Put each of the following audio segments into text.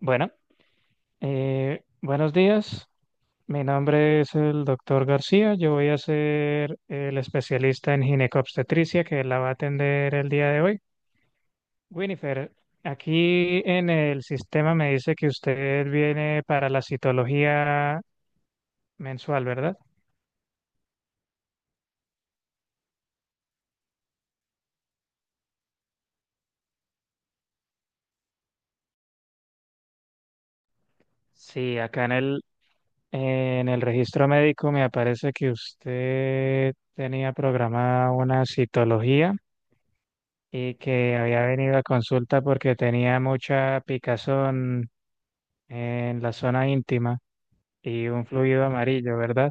Bueno, buenos días. Mi nombre es el doctor García. Yo voy a ser el especialista en ginecobstetricia que la va a atender el día de hoy. Winifred, aquí en el sistema me dice que usted viene para la citología mensual, ¿verdad? Sí, acá en el registro médico me aparece que usted tenía programada una citología y que había venido a consulta porque tenía mucha picazón en la zona íntima y un fluido amarillo, ¿verdad?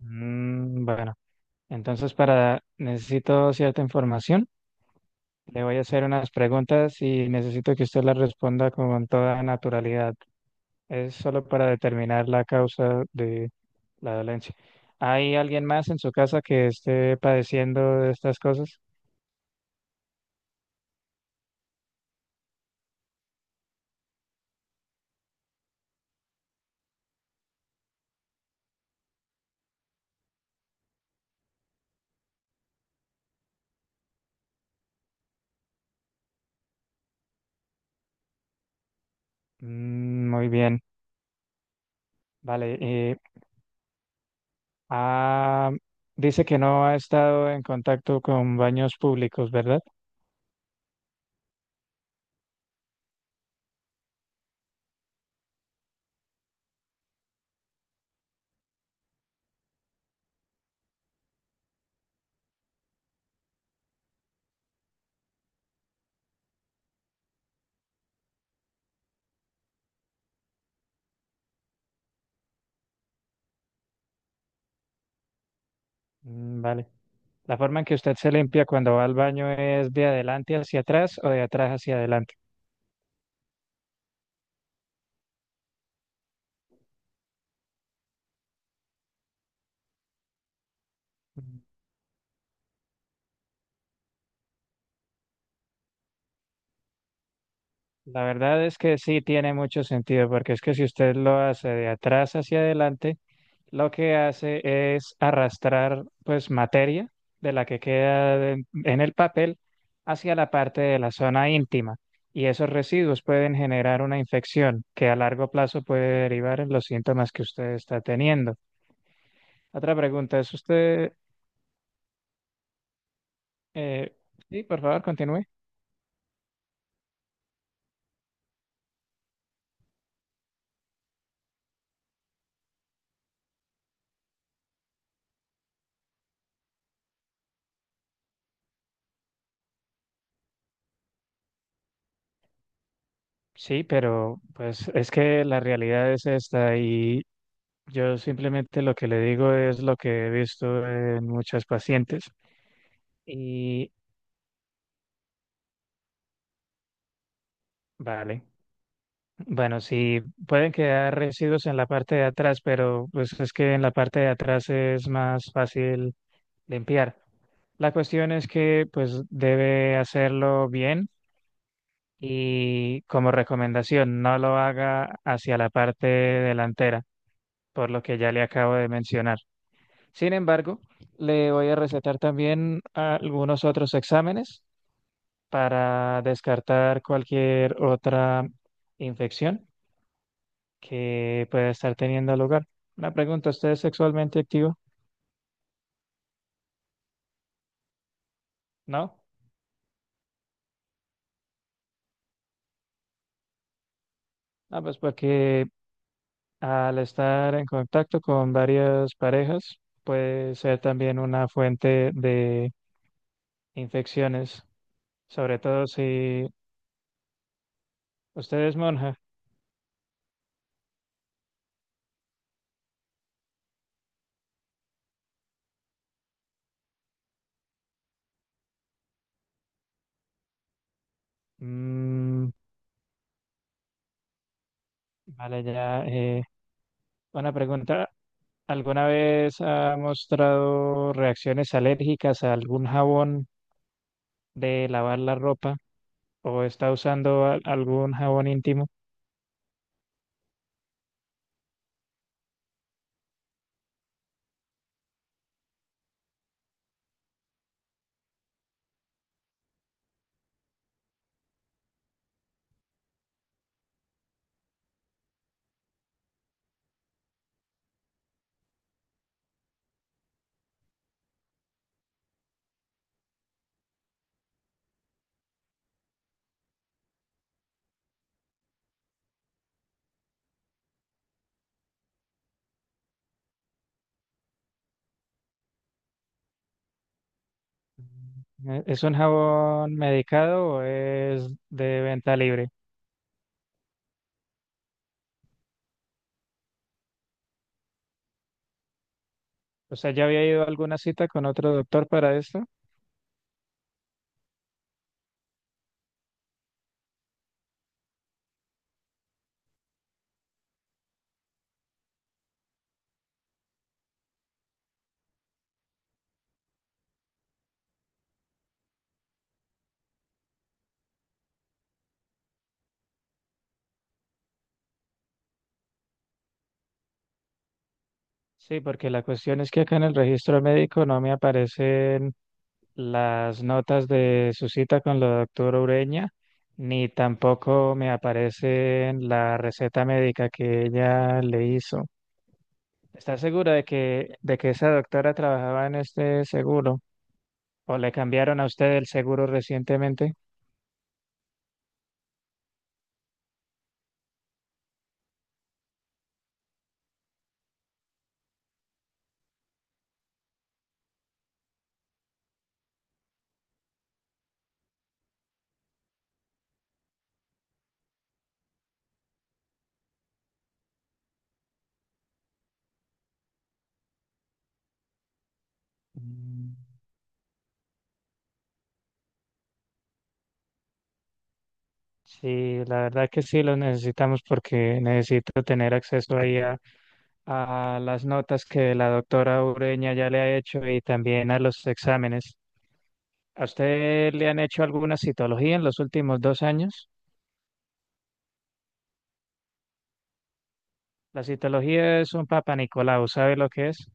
Mm, bueno, entonces para necesito cierta información. Le voy a hacer unas preguntas y necesito que usted las responda con toda naturalidad. Es solo para determinar la causa de la dolencia. ¿Hay alguien más en su casa que esté padeciendo de estas cosas? Mm, muy bien. Vale. Ah, Dice que no ha estado en contacto con baños públicos, ¿verdad? Mm, vale. La forma en que usted se limpia cuando va al baño es de adelante hacia atrás o de atrás hacia adelante. La verdad es que sí tiene mucho sentido, porque es que si usted lo hace de atrás hacia adelante, lo que hace es arrastrar pues materia de la que queda en el papel hacia la parte de la zona íntima. Y esos residuos pueden generar una infección que a largo plazo puede derivar en los síntomas que usted está teniendo. Otra pregunta es usted, eh, sí, por favor, continúe. Sí, pero pues es que la realidad es esta y yo simplemente lo que le digo es lo que he visto en muchas pacientes y vale. Bueno, sí, pueden quedar residuos en la parte de atrás, pero pues es que en la parte de atrás es más fácil limpiar. La cuestión es que pues debe hacerlo bien y como recomendación, no lo haga hacia la parte delantera, por lo que ya le acabo de mencionar. Sin embargo, le voy a recetar también algunos otros exámenes para descartar cualquier otra infección que pueda estar teniendo lugar. Una pregunta, ¿usted es sexualmente activo? No. Ah, pues porque al estar en contacto con varias parejas puede ser también una fuente de infecciones, sobre todo si usted es monja. Mm, vale, ya. Una pregunta. ¿Alguna vez ha mostrado reacciones alérgicas a algún jabón de lavar la ropa o está usando algún jabón íntimo? ¿E- ¿Es un jabón medicado o es de venta libre? O sea, ¿ya había ido a alguna cita con otro doctor para esto? Sí, porque la cuestión es que acá en el registro médico no me aparecen las notas de su cita con la doctora Ureña, ni tampoco me aparece la receta médica que ella le hizo. ¿Está segura de de que esa doctora trabajaba en este seguro? ¿O le cambiaron a usted el seguro recientemente? Mm, sí, la verdad que sí lo necesitamos porque necesito tener acceso a las notas que la doctora Ureña ya le ha hecho y también a los exámenes. ¿A usted le han hecho alguna citología en los últimos 2 años? La citología es un Papa Nicolau, ¿sabe lo que es?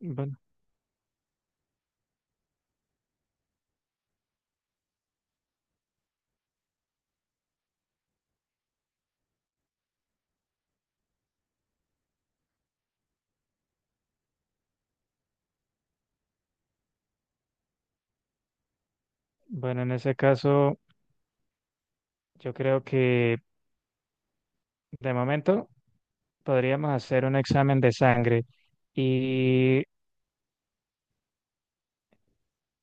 Bueno, bueno, en ese caso, yo creo que de momento podríamos hacer un examen de sangre y,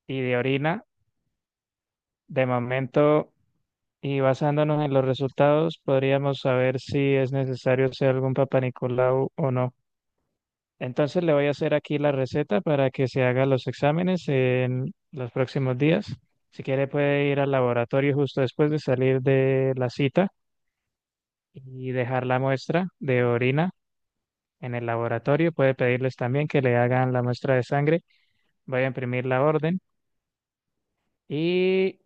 y de orina. De momento, y basándonos en los resultados, podríamos saber si es necesario hacer algún Papa Nicolau o no. Entonces le voy a hacer aquí la receta para que se haga los exámenes en los próximos días. Si quiere puede ir al laboratorio justo después de salir de la cita y dejar la muestra de orina en el laboratorio. Puede pedirles también que le hagan la muestra de sangre. Voy a imprimir la orden y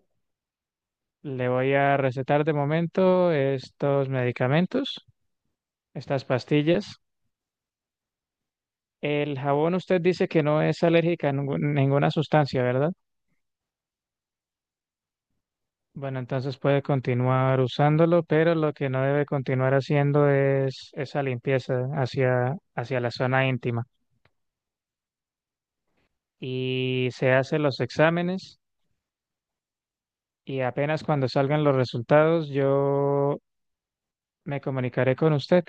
le voy a recetar de momento estos medicamentos, estas pastillas. El jabón usted dice que no es alérgica a ninguna sustancia, ¿verdad? Bueno, entonces puede continuar usándolo, pero lo que no debe continuar haciendo es esa limpieza hacia la zona íntima. Y se hacen los exámenes y apenas cuando salgan los resultados yo me comunicaré con usted.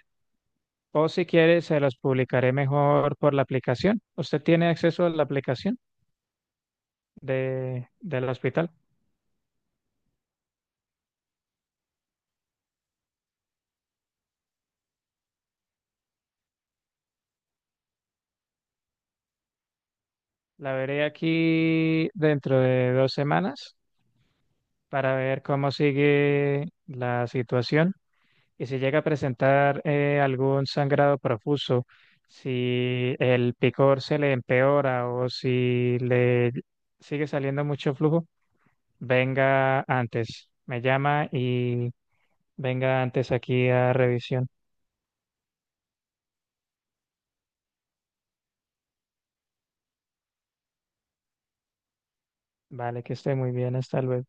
O si quiere, se los publicaré mejor por la aplicación. ¿Usted tiene acceso a la aplicación del hospital? La veré aquí dentro de 2 semanas para ver cómo sigue la situación. Y si llega a presentar algún sangrado profuso, si el picor se le empeora o si le sigue saliendo mucho flujo, venga antes. Me llama y venga antes aquí a revisión. Vale, que esté muy bien. Hasta luego.